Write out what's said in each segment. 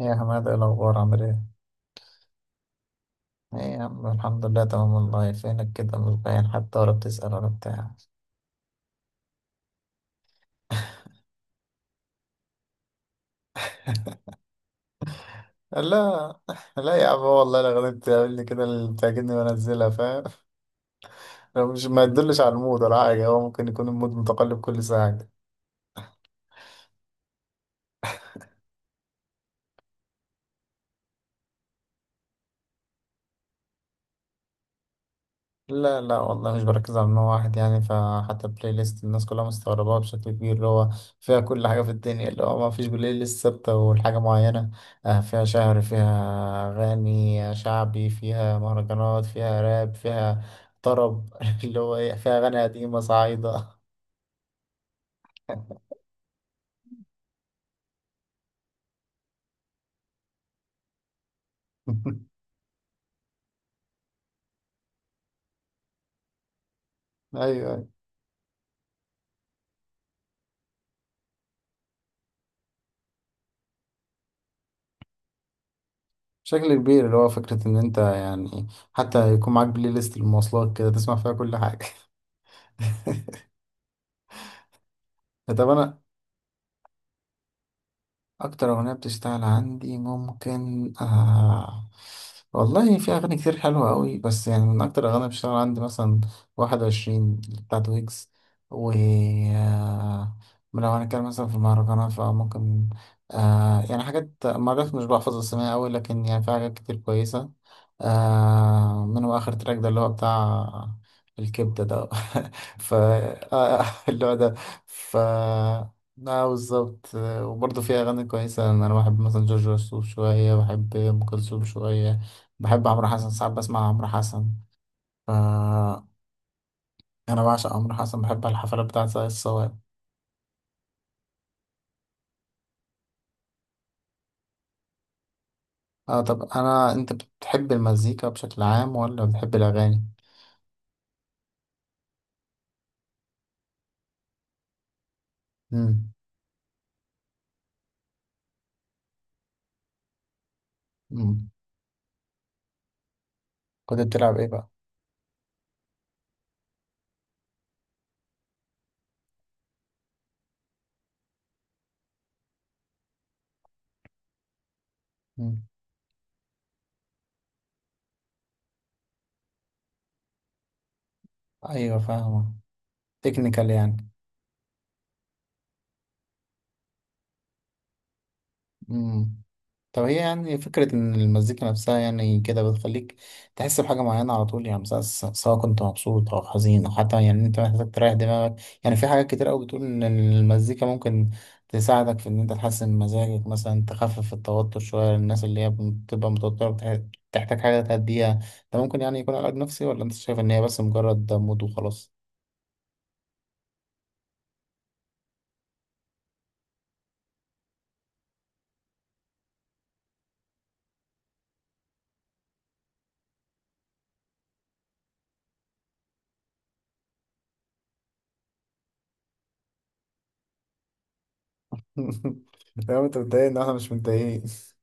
يا حماد، ايه الأخبار؟ عامل ايه؟ ايه يا عم، الحمد لله تمام والله. فينك كده؟ مش باين حتى، ولا بتسأل ولا بتاع. لا، لا يا عم، هو والله الأغاني بتعمل لي كده اللي بتعجبني وأنزلها، فاهم؟ لو مش ما يدلش على المود ولا حاجة. هو ممكن يكون المود متقلب كل ساعة. لا، لا والله مش بركز على نوع واحد يعني. فحتى البلاي ليست الناس كلها مستغرباها بشكل كبير، اللي هو فيها كل حاجة في الدنيا، اللي هو ما فيش بلاي ليست ثابتة والحاجة معينة. فيها شعر، فيها أغاني شعبي، فيها مهرجانات، فيها راب، فيها طرب. اللي هو إيه، فيها أغاني قديمة صعيدة. أيوه، أيوه. بشكل كبير، اللي هو فكرة إن أنت يعني حتى يكون معاك بلاي ليست للمواصلات كده، تسمع فيها كل حاجة. طب، أنا اكتر اغنيه بتشتغل عندي، ممكن والله في اغاني كتير حلوه قوي، بس يعني من اكتر الاغاني اللي بتشتغل عندي مثلا 21 بتاعت ويجز، و آه لو هنتكلم مثلا في المهرجانات، فممكن يعني حاجات مرات مش بحفظ اسمها قوي، لكن يعني في حاجات كتير كويسه. منهم اخر تراك ده اللي هو بتاع الكبده ده. ف اللي هو ده. ف اه، بالظبط. وبرضه فيها أغاني كويسة، يعني أنا بحب مثلا جورج وسوف شوية، بحب أم كلثوم شوية، بحب عمرو حسن، ساعات بسمع عمرو حسن. ف أنا بعشق عمرو حسن، بحب الحفلات بتاعة ساقية الصواب. اه، طب أنت بتحب المزيكا بشكل عام ولا بتحب الأغاني؟ مم. مم. كنت بتلعب إيه بقى؟ مم. أيوه، فاهمة. تكنيكال يعني. مم. طب هي يعني فكرة إن المزيكا نفسها يعني كده بتخليك تحس بحاجة معينة على طول، يعني مثلا سواء كنت مبسوط أو حزين، أو حتى يعني أنت محتاج تريح دماغك. يعني في حاجات كتير أوي بتقول إن المزيكا ممكن تساعدك في إن أنت تحسن مزاجك مثلا، تخفف التوتر شوية للناس اللي هي بتبقى متوترة، بتحتاج حاجة تهديها. ده ممكن يعني يكون علاج نفسي، ولا أنت شايف إن هي بس مجرد مود وخلاص؟ لو أنت متضايق إن إحنا مش متضايقين.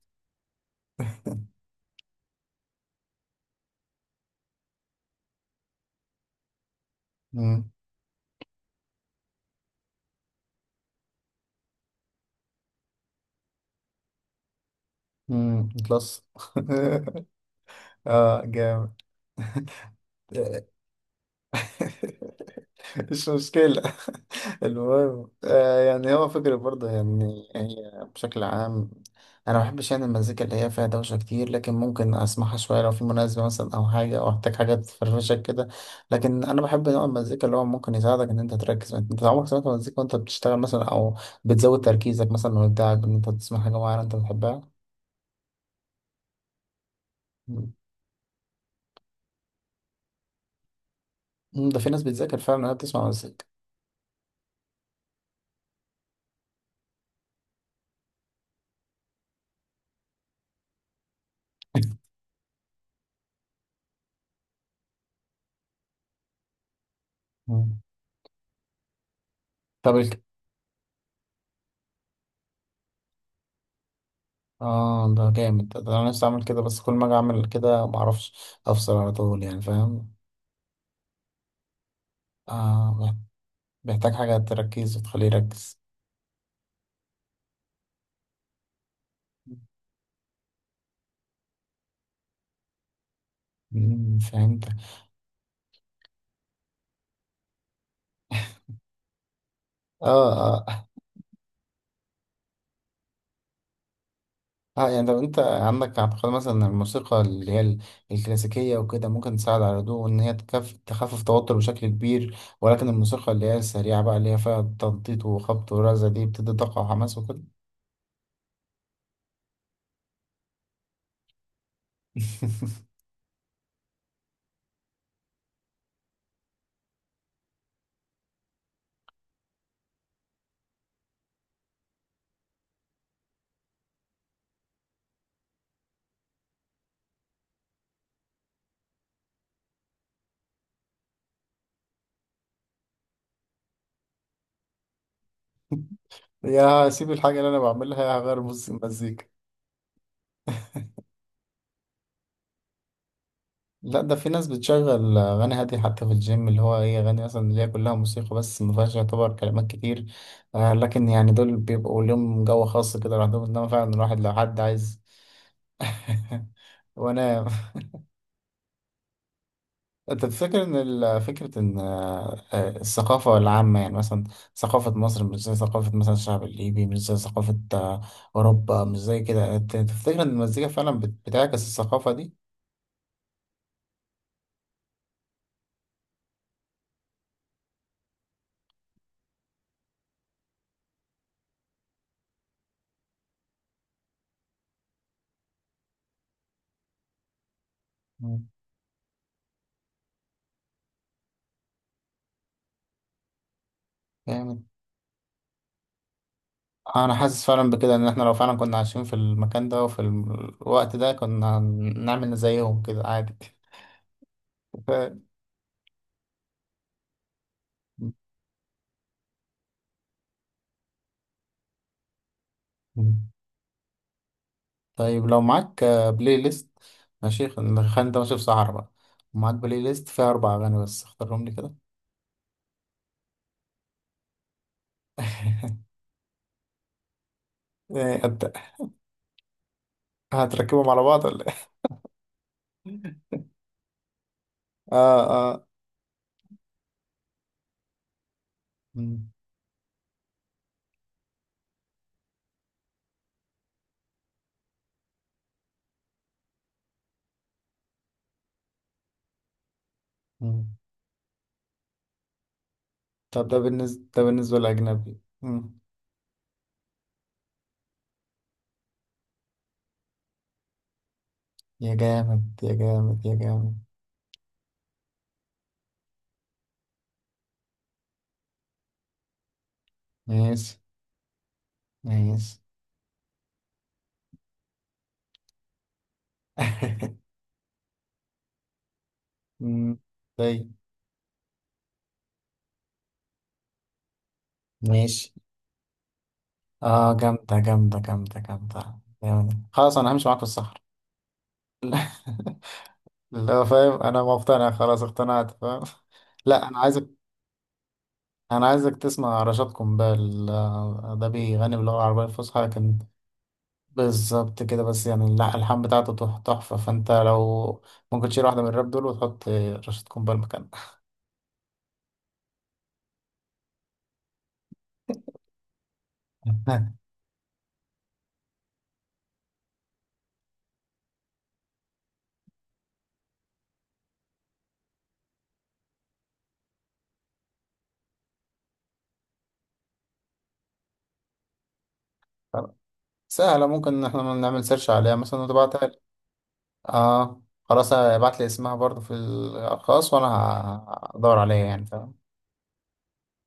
امم. بلس. اه، جامد. مش مشكلة. المهم يعني هو فكرة برضه، يعني هي بشكل عام أنا ما بحبش يعني المزيكا اللي هي فيها دوشة كتير، لكن ممكن أسمعها شوية لو في مناسبة مثلا، أو حاجة، أو أحتاج حاجة تفرفشك كده. لكن أنا بحب نوع المزيكا اللي هو ممكن يساعدك إن أنت تركز. أنت عمرك سمعت مزيكا وأنت بتشتغل مثلا، أو بتزود تركيزك مثلا وإبداعك، إن أنت تسمع حاجة معينة أنت بتحبها. مم. ده في ناس بتذاكر فعلا إنها بتسمع مزيكا. مم. طب اه، ده جامد. ده انا نفسي اعمل كده، بس كل ما اجي اعمل كده معرفش افصل على طول، يعني فاهم. اه، محتاج حاجة تركيز وتخليه يركز. مم، فهمت. اه، اه، اه، يعني طب انت عندك اعتقاد مثلا ان الموسيقى اللي هي الكلاسيكية وكده ممكن تساعد على الهدوء، وان هي تخفف التوتر بشكل كبير، ولكن الموسيقى اللي هي السريعة بقى اللي هي فيها تنطيط وخبط ورزة دي بتدي طاقة وحماس وكده. يا، سيب الحاجة اللي انا بعملها، هغير بص المزيكا. لا، ده في ناس بتشغل أغاني هادية حتى في الجيم، اللي هو إيه، أغاني مثلا اللي هي كلها موسيقى بس ما فيهاش يعتبر كلمات كتير. لكن يعني دول بيبقوا لهم جو خاص كده لوحدهم، إنما فعلا الواحد لو حد عايز. وأنا. أنت تفتكر إن فكرة إن الثقافة العامة، يعني مثلا ثقافة مصر مش زي ثقافة مثلا الشعب الليبي، مش زي ثقافة أوروبا، مش زي كده، أنت تفتكر إن المزيكا فعلا بتعكس الثقافة دي؟ مم. انا حاسس فعلا بكده، ان احنا لو فعلا كنا عايشين في المكان ده وفي الوقت ده كنا نعمل زيهم كده عادي. ف- طيب لو معاك بلاي ليست. ماشي، خلينا، خلينا، انت ماشي في صحرا بقى، ومعاك بلاي ليست فيها اربع اغاني بس، اختارهم لي كده. إيه، هتركبهم على بعض ولا ايه؟ اه، اه. مم، مم. طب ده بالنسبه للاجنبي. مم. يا جامد، يا جامد، يا جامد. ماشي. ماشي. مم. طيب. ماشي. اه، جامدة، جامدة، جامدة، جامدة، جامدة. خلاص انا همشي معاك في الصحراء. اللي هو فاهم، انا مقتنع، خلاص اقتنعت، فاهم. لا، انا عايزك تسمع رشاد قنبال. ده بيغني باللغة العربية الفصحى، لكن. بالظبط كده، بس يعني لا، الحان بتاعته تحفة. فانت لو ممكن تشيل واحدة من الراب دول وتحط رشاد قنبال مكانها. سهلة، ممكن ان احنا نعمل سيرش عليها مثلا وتبعتها. اه، خلاص، ابعت لي اسمها برضه في الخاص، وانا هدور عليها يعني فاهم.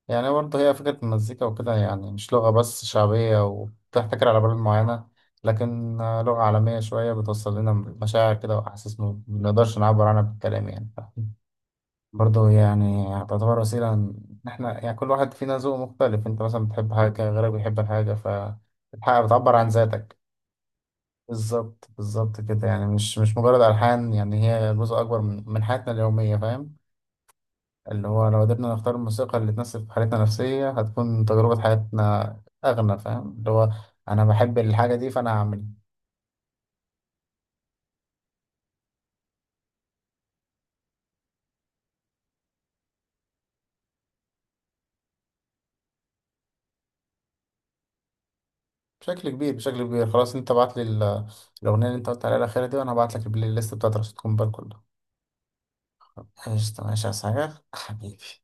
يعني برضه هي فكرة المزيكا وكده، يعني مش لغة بس شعبية وبتحتكر على بلد معينة، لكن لغة عالمية شوية بتوصل لنا مشاعر كده وأحاسيس ما بنقدرش نعبر عنها بالكلام، يعني فاهم؟ برضه يعني تعتبر وسيلة، إن إحنا يعني كل واحد فينا ذوق مختلف. أنت مثلا بتحب حاجة، غيرك بيحب الحاجة، فالحاجة بتعبر عن ذاتك. بالظبط، بالظبط كده، يعني مش مجرد ألحان، يعني هي جزء أكبر من حياتنا اليومية، فاهم. اللي هو لو قدرنا نختار الموسيقى اللي تناسب حالتنا النفسية، هتكون تجربة حياتنا أغنى، فاهم. اللي هو أنا بحب الحاجة دي فأنا هعمل بشكل كبير، بشكل كبير. خلاص أنت بعت لي الأغنية اللي أنت قلت عليها الأخيرة دي، وأنا هبعت لك البلاي ليست بتاعت رشيد كومبال كلها. قشطة، ماشي، يا سعيد حبيبي.